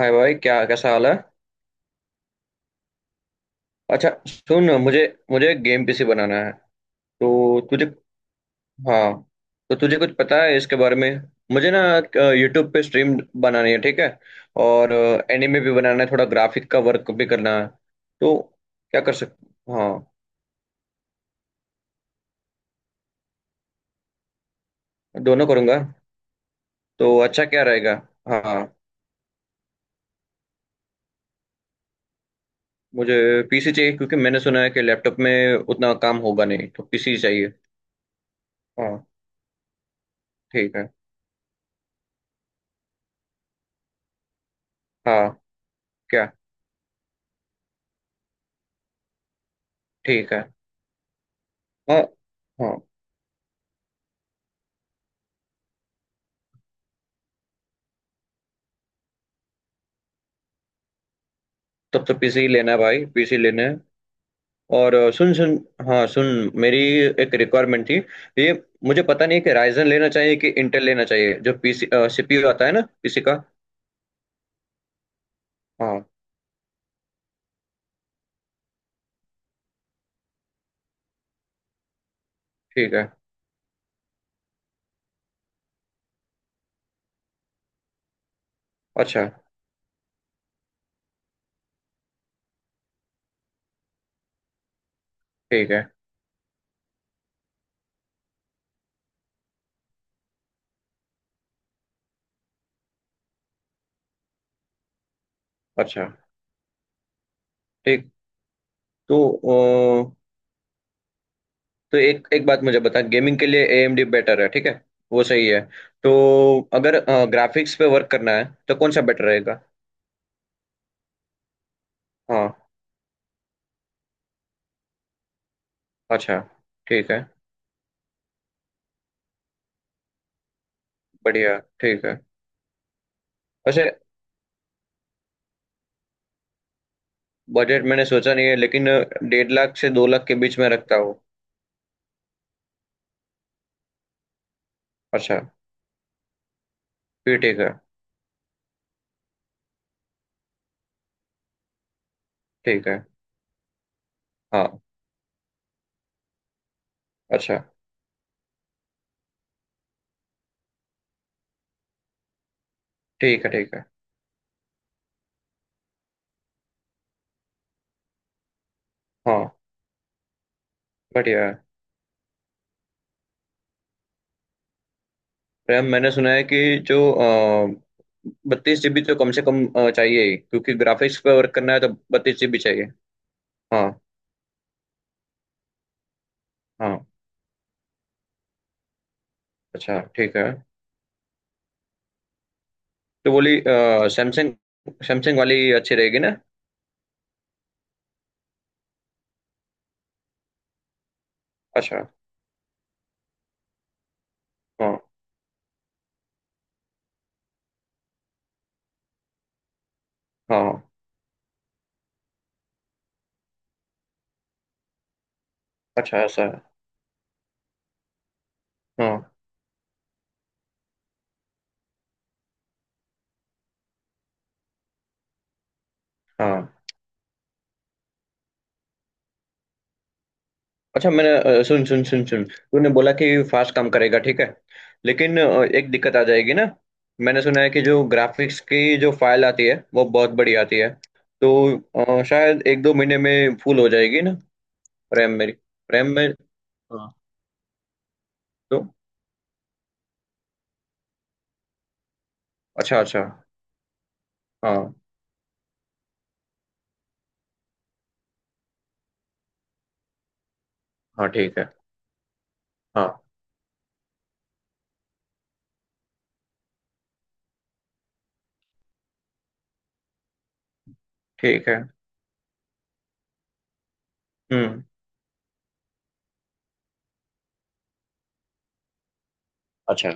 हाय भाई, क्या कैसा हाल है। अच्छा सुन, मुझे मुझे गेम पीसी बनाना है। तो तुझे हाँ, तो तुझे कुछ पता है इसके बारे में। मुझे ना यूट्यूब पे स्ट्रीम बनानी है, ठीक है। और एनिमे भी बनाना है, थोड़ा ग्राफिक का वर्क भी करना है। तो क्या कर सक हाँ, दोनों करूँगा। तो अच्छा क्या रहेगा। हाँ, मुझे पीसी चाहिए क्योंकि मैंने सुना है कि लैपटॉप में उतना काम होगा नहीं, तो पीसी चाहिए। हाँ ठीक है। हाँ। क्या। ठीक है। हाँ। हाँ। तब तो पीसी ही लेना है भाई, पीसी लेना है। और सुन सुन। हाँ सुन। मेरी एक रिक्वायरमेंट थी। ये, मुझे पता नहीं है कि राइजन लेना चाहिए कि इंटेल लेना चाहिए, जो पीसी सीपीयू आता है ना पीसी का। हाँ ठीक है। अच्छा ठीक है। अच्छा ठीक। तो अ, तो एक एक बात मुझे बता, गेमिंग के लिए एएमडी बेटर है ठीक है। वो सही है। तो अगर ग्राफिक्स पे वर्क करना है तो कौन सा बेटर रहेगा। हाँ। अच्छा ठीक है। बढ़िया ठीक है। वैसे बजट मैंने सोचा नहीं है लेकिन 1.5 लाख से 2 लाख के बीच में रखता हूँ। अच्छा, फिर ठीक है। ठीक है। हाँ। अच्छा ठीक है। ठीक है। हाँ। बढ़िया है। रैम मैंने सुना है कि जो 32 जीबी तो कम से कम चाहिए ही, क्योंकि ग्राफिक्स पे वर्क करना है तो 32 जीबी चाहिए। हाँ हाँ। अच्छा ठीक है। तो बोली सैमसंग, सैमसंग वाली अच्छी रहेगी ना। अच्छा। हाँ हाँ। अच्छा ऐसा है। हाँ हाँ। अच्छा मैंने सुन सुन सुन सुन, तूने बोला कि फास्ट काम करेगा ठीक है। लेकिन एक दिक्कत आ जाएगी ना। मैंने सुना है कि जो ग्राफिक्स की जो फाइल आती है वो बहुत बड़ी आती है। तो शायद एक दो महीने में फुल हो जाएगी ना, रैम मेरी, रैम में। हाँ तो। अच्छा अच्छा। हाँ हाँ। ठीक है। हाँ ठीक है। हम्म। अच्छा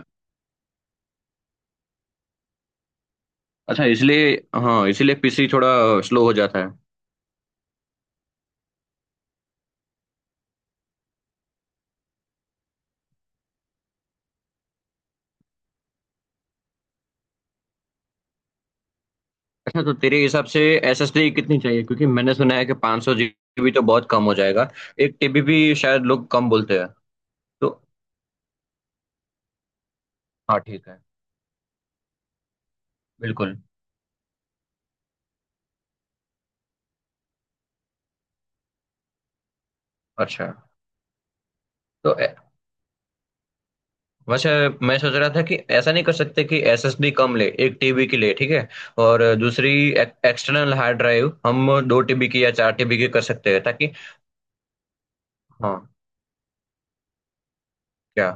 अच्छा, इसलिए, हाँ, इसीलिए पीसी थोड़ा स्लो हो जाता है। अच्छा तो तेरे हिसाब से एसएसडी कितनी चाहिए, क्योंकि मैंने सुना है कि 500 जीबी तो बहुत कम हो जाएगा। एक टीबी भी शायद लोग कम बोलते हैं। तो हाँ ठीक है। बिल्कुल। अच्छा। तो ए- वैसे मैं सोच रहा था कि ऐसा नहीं कर सकते कि एसएसडी कम ले, 1 टीबी की ले ठीक है। और दूसरी एक्सटर्नल हार्ड ड्राइव हम 2 टीबी की या 4 टीबी की कर सकते हैं ताकि। हाँ। क्या।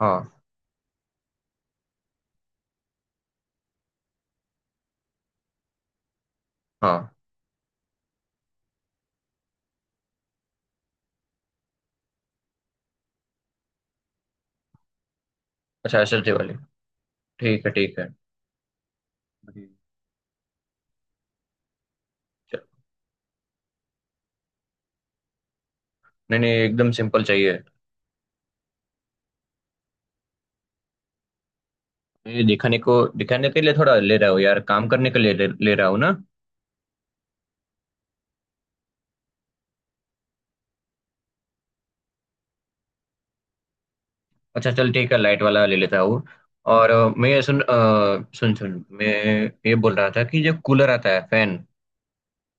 हाँ हाँ। अच्छा एसएसडी वाली। ठीक है ठीक है। हम्म। चल। नहीं नहीं, एकदम सिंपल चाहिए। ये दिखाने के लिए थोड़ा ले रहा हूँ यार, काम करने के लिए ले रहा हूँ ना। अच्छा चल ठीक है, लाइट वाला ले लेता हूँ। और मैं ये सुन सुन, मैं ये बोल रहा था कि जो कूलर आता है फैन,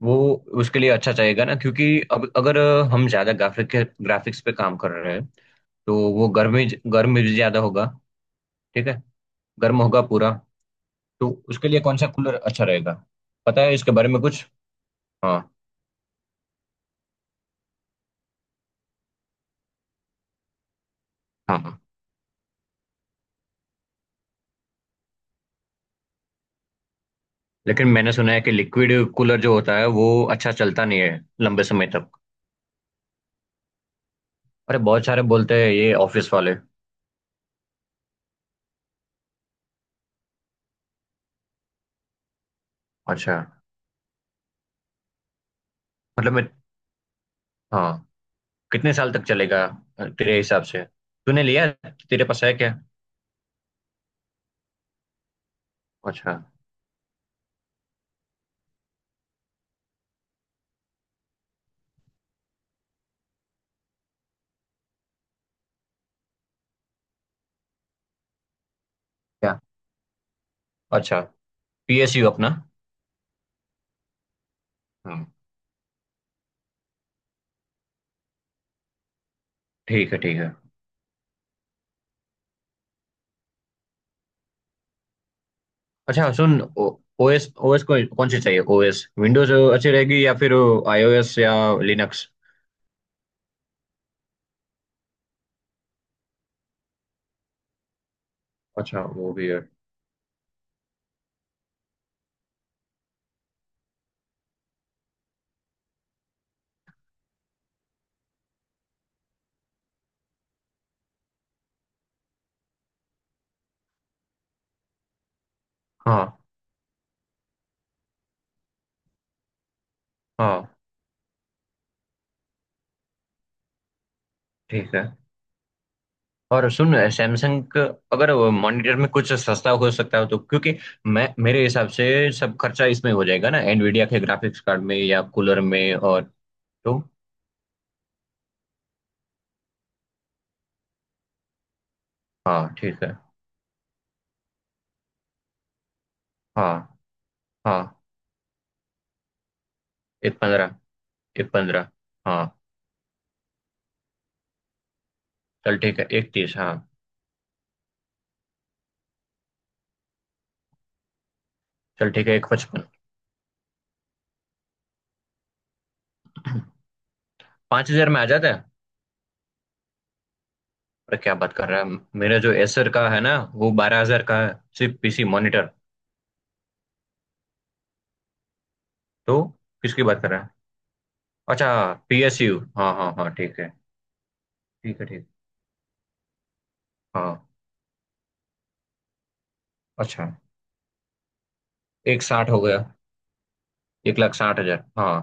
वो उसके लिए अच्छा चाहिएगा ना, क्योंकि अब अगर हम ज्यादा ग्राफिक्स पे काम कर रहे हैं तो वो गर्म ही, गर्म भी ज्यादा होगा, ठीक है, गर्म होगा पूरा। तो उसके लिए कौन सा कूलर अच्छा रहेगा, पता है इसके बारे में कुछ। हाँ हाँ हाँ। लेकिन मैंने सुना है कि लिक्विड कूलर जो होता है वो अच्छा चलता नहीं है लंबे समय तक। अरे बहुत सारे बोलते हैं, ये ऑफिस वाले। अच्छा। मतलब मैं, हाँ, कितने साल तक चलेगा तेरे हिसाब से। तूने लिया है? तेरे पास है क्या। अच्छा। क्या। अच्छा। पीएसयू अपना। हम्म। ठीक है ठीक है। अच्छा सुन, ओएस ओएस कौन कौन सी चाहिए, ओएस, विंडोज अच्छी रहेगी या फिर आईओएस या लिनक्स। अच्छा वो भी है। हाँ हाँ ठीक है। और सुन सैमसंग, अगर मॉनिटर में कुछ सस्ता हो सकता हो तो, क्योंकि मैं मेरे हिसाब से सब खर्चा इसमें हो जाएगा ना, एनवीडिया के ग्राफिक्स कार्ड में या कूलर में, और तो। हाँ ठीक है। हाँ हाँ। एक पंद्रह। एक पंद्रह। हाँ। चल ठीक है, एक तीस। हाँ। चल ठीक है, एक पचपन। 5 हज़ार में आ जाता है? अरे क्या बात कर रहा है, मेरा जो एसर का है ना वो 12 हज़ार का है, सिर्फ पीसी मॉनिटर। तो किसकी बात कर रहा है। अच्छा, पीएसयू, हाँ हाँ हाँ ठीक है। ठीक है ठीक। हाँ। अच्छा, एक साठ हो गया। 1,60,000, हाँ।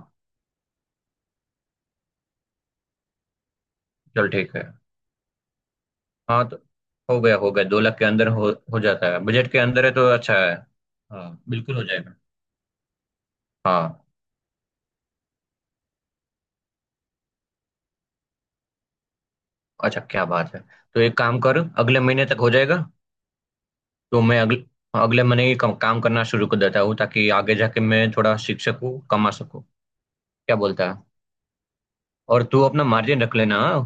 चल ठीक है। हाँ तो हो गया हो गया, 2 लाख के अंदर हो जाता है, बजट के अंदर है तो अच्छा है। हाँ बिल्कुल हो जाएगा। हाँ। अच्छा क्या बात है, तो एक काम कर, अगले महीने तक हो जाएगा। तो मैं अगले अगले महीने ही काम काम करना शुरू कर देता हूँ, ताकि आगे जाके मैं थोड़ा सीख सकूँ, कमा सकूँ। क्या बोलता है। और तू अपना मार्जिन रख लेना, हाँ।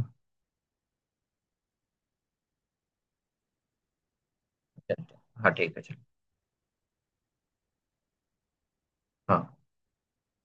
हाँ, ठीक है चल। हाँ।